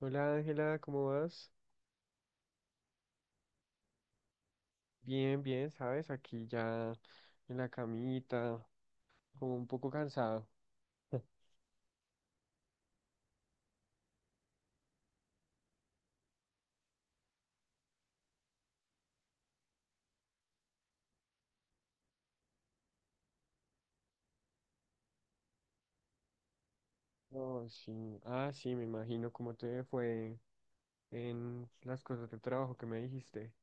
Hola Ángela, ¿cómo vas? Bien, bien, ¿sabes? Aquí ya en la camita, como un poco cansado. Oh, sí. Ah, sí, me imagino cómo te fue en las cosas de trabajo que me dijiste.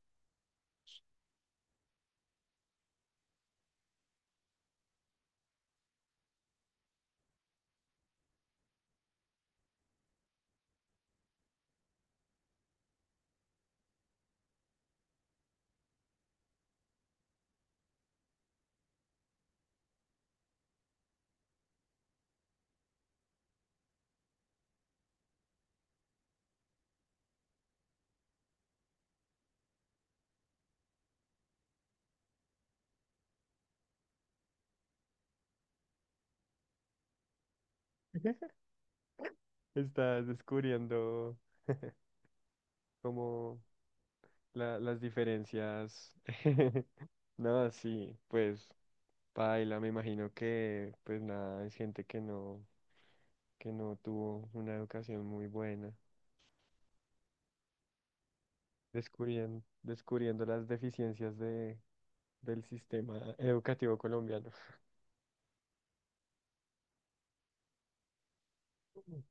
Estás descubriendo como las diferencias. No, sí, pues paila, me imagino que pues nada, es gente que no tuvo una educación muy buena, descubriendo las deficiencias de del sistema educativo colombiano.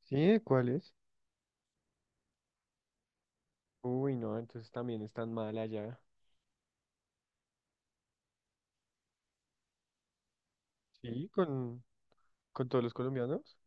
¿Sí? ¿Cuál es? Uy, no, entonces también están mal allá. Sí, con todos los colombianos.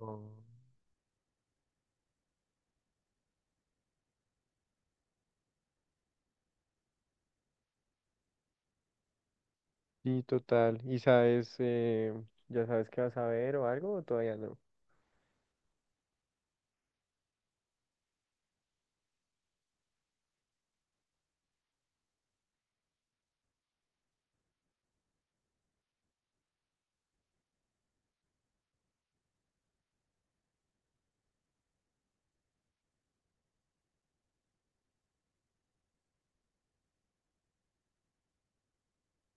Oh. Sí, total. ¿Y sabes, ya sabes qué vas a ver o algo o todavía no?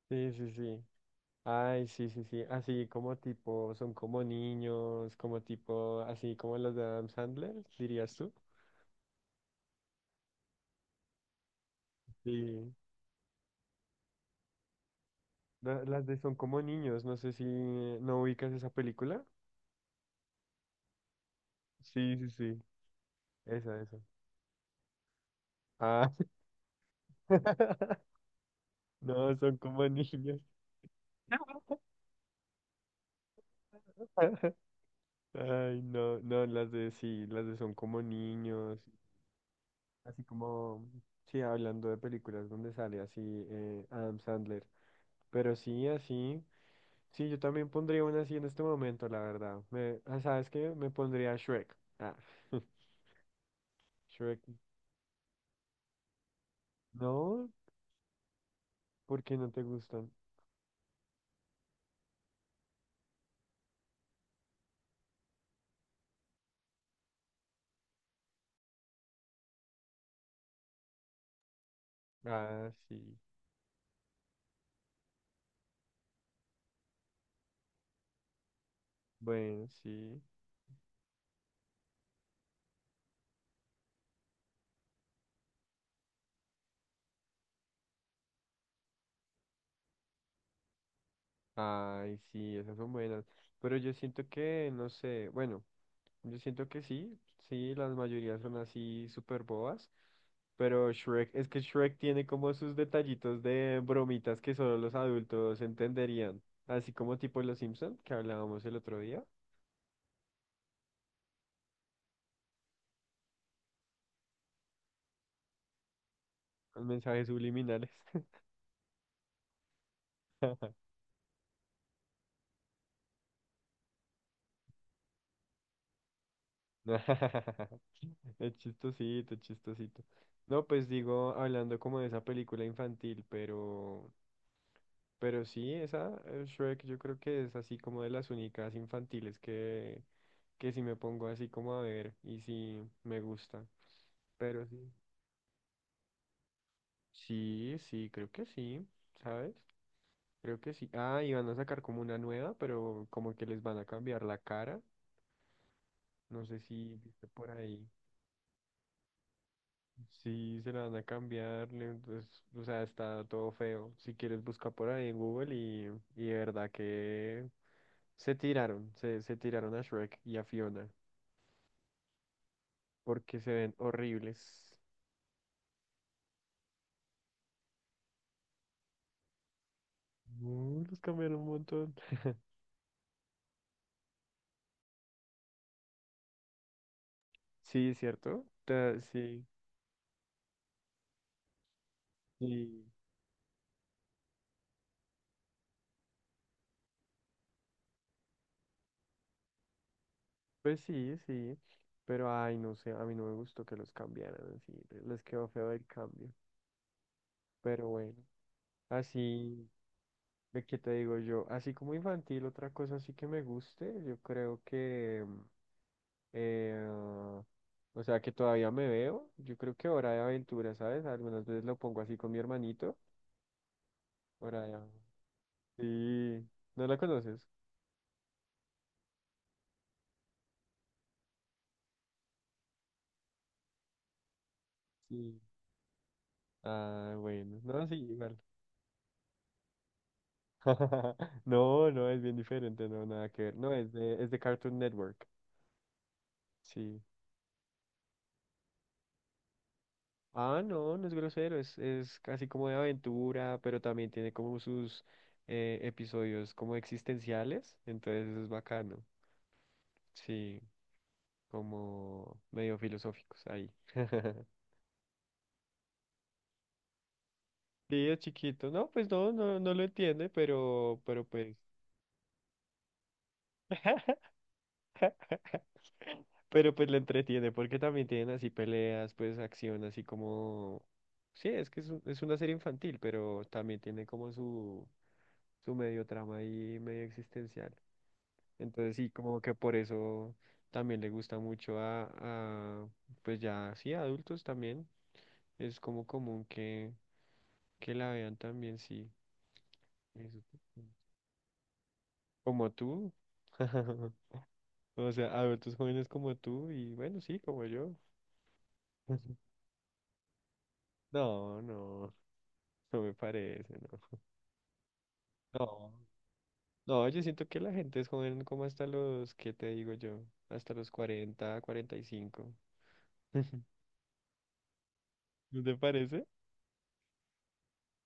Sí, sí, sí. Ay, sí, sí, sí. Así como tipo, son como niños, como tipo, así como las de Adam Sandler, dirías tú. Sí. Las de son como niños, no sé si no ubicas esa película. Sí, sí, sí. Esa, esa. Ah. No, son como niños. Ay, no, no, las de sí, las de son como niños, así como, sí, hablando de películas donde sale así Adam Sandler, pero sí, así, sí, yo también pondría una así en este momento, la verdad, ¿sabes qué? Me pondría Shrek, Shrek, no, ¿por qué no te gustan? Ah, sí, bueno, sí, ay, sí, esas son buenas, pero yo siento que, no sé, bueno. Yo siento que sí, sí, las mayorías son así súper bobas, pero Shrek, es que Shrek tiene como sus detallitos de bromitas que solo los adultos entenderían, así como tipo Los Simpson, que hablábamos el otro día, los mensajes subliminales. Es chistosito, es chistosito. No, pues digo, hablando como de esa película infantil, pero sí, esa Shrek yo creo que es así como de las únicas infantiles que si me pongo así como a ver y si me gusta. Pero sí. Sí, sí, creo que sí, ¿sabes? Creo que sí. Ah, y van a sacar como una nueva, pero como que les van a cambiar la cara. No sé si viste por ahí. Sí, se la van a cambiar, pues, o sea, está todo feo. Si quieres busca por ahí en Google y de verdad que se tiraron, se tiraron a Shrek y a Fiona porque se ven horribles. Los cambiaron un montón. Sí, ¿cierto? Sí, sí, pues sí, sí. Pero ay, no sé, a mí no me gustó que los cambiaran así. Les quedó feo el cambio. Pero bueno, así. ¿De qué te digo yo? Así como infantil, otra cosa sí que me guste, yo creo que, eh, o sea, que todavía me veo, yo creo que Hora de Aventura, ¿sabes? Algunas veces lo pongo así con mi hermanito. Hora de Aventura. Sí, ¿no la conoces? Sí. Ah, bueno, no, sí, igual. No, no, es bien diferente, no, nada que ver. No, es de, Cartoon Network, sí. Ah, no, no es grosero, es casi como de aventura, pero también tiene como sus episodios como existenciales, entonces eso es bacano, sí, como medio filosóficos ahí. Sí, es chiquito, no, pues no, no, no lo entiende, pero, pero pues le entretiene, porque también tienen así peleas, pues acción, así como, sí, es que es, es una serie infantil, pero también tiene como su medio trama ahí, medio existencial. Entonces sí, como que por eso también le gusta mucho a, pues ya, sí, a adultos también. Es como común que la vean también, sí. Eso. Como tú. O sea, adultos jóvenes como tú y bueno, sí, como yo. No, no, no me parece, no. No, no, yo siento que la gente es joven como hasta los, ¿qué te digo yo? Hasta los 40, 45. ¿No te parece?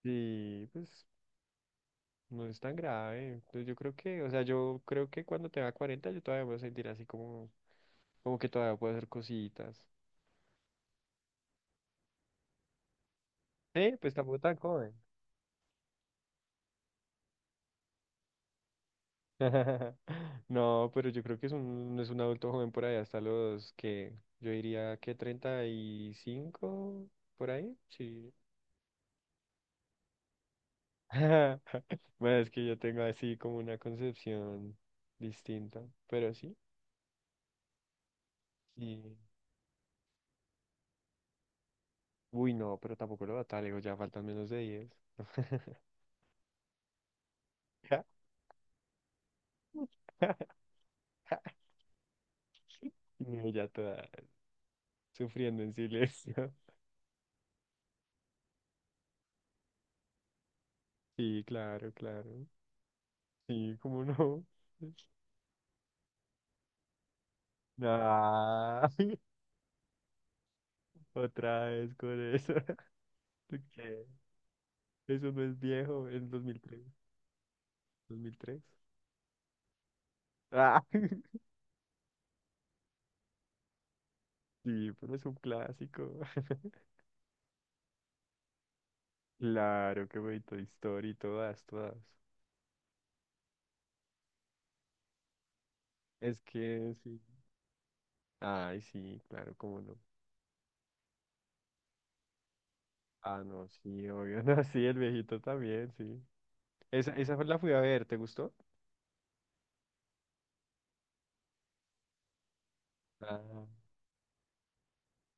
Sí, pues no es tan grave. Entonces, yo creo que, o sea, yo creo que cuando tenga 40 yo todavía me voy a sentir así como, como que todavía puedo hacer cositas. Pues tampoco tan joven. No, pero yo creo que no es un adulto joven por ahí hasta yo diría que 35 por ahí. Sí. Bueno, es que yo tengo así como una concepción distinta, pero sí. Y, uy, no, pero tampoco lo va tan lejos, ya faltan menos de 10. Y ella toda sufriendo en silencio. Sí, claro, claro. Sí, cómo no. Ah, otra vez con eso. ¿Tú ¿Qué? Eso no es viejo, es dos mil tres. Ah, sí, pero es un clásico. Claro qué me Toy Story, todas, todas. Es que sí. Ay, sí, claro, cómo no. Ah, no, sí, obvio. No, sí, el viejito también, sí. Esa la fui a ver, ¿te gustó? Ah.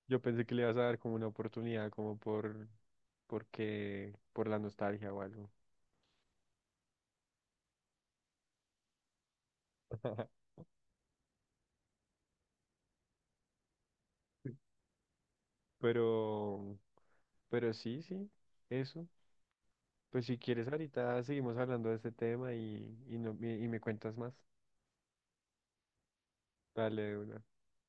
Yo pensé que le ibas a dar como una oportunidad, como por, porque, por la nostalgia o algo. Pero, pero sí, sí, eso. Pues si quieres, ahorita seguimos hablando de este tema y, no, y me cuentas más. Dale de una.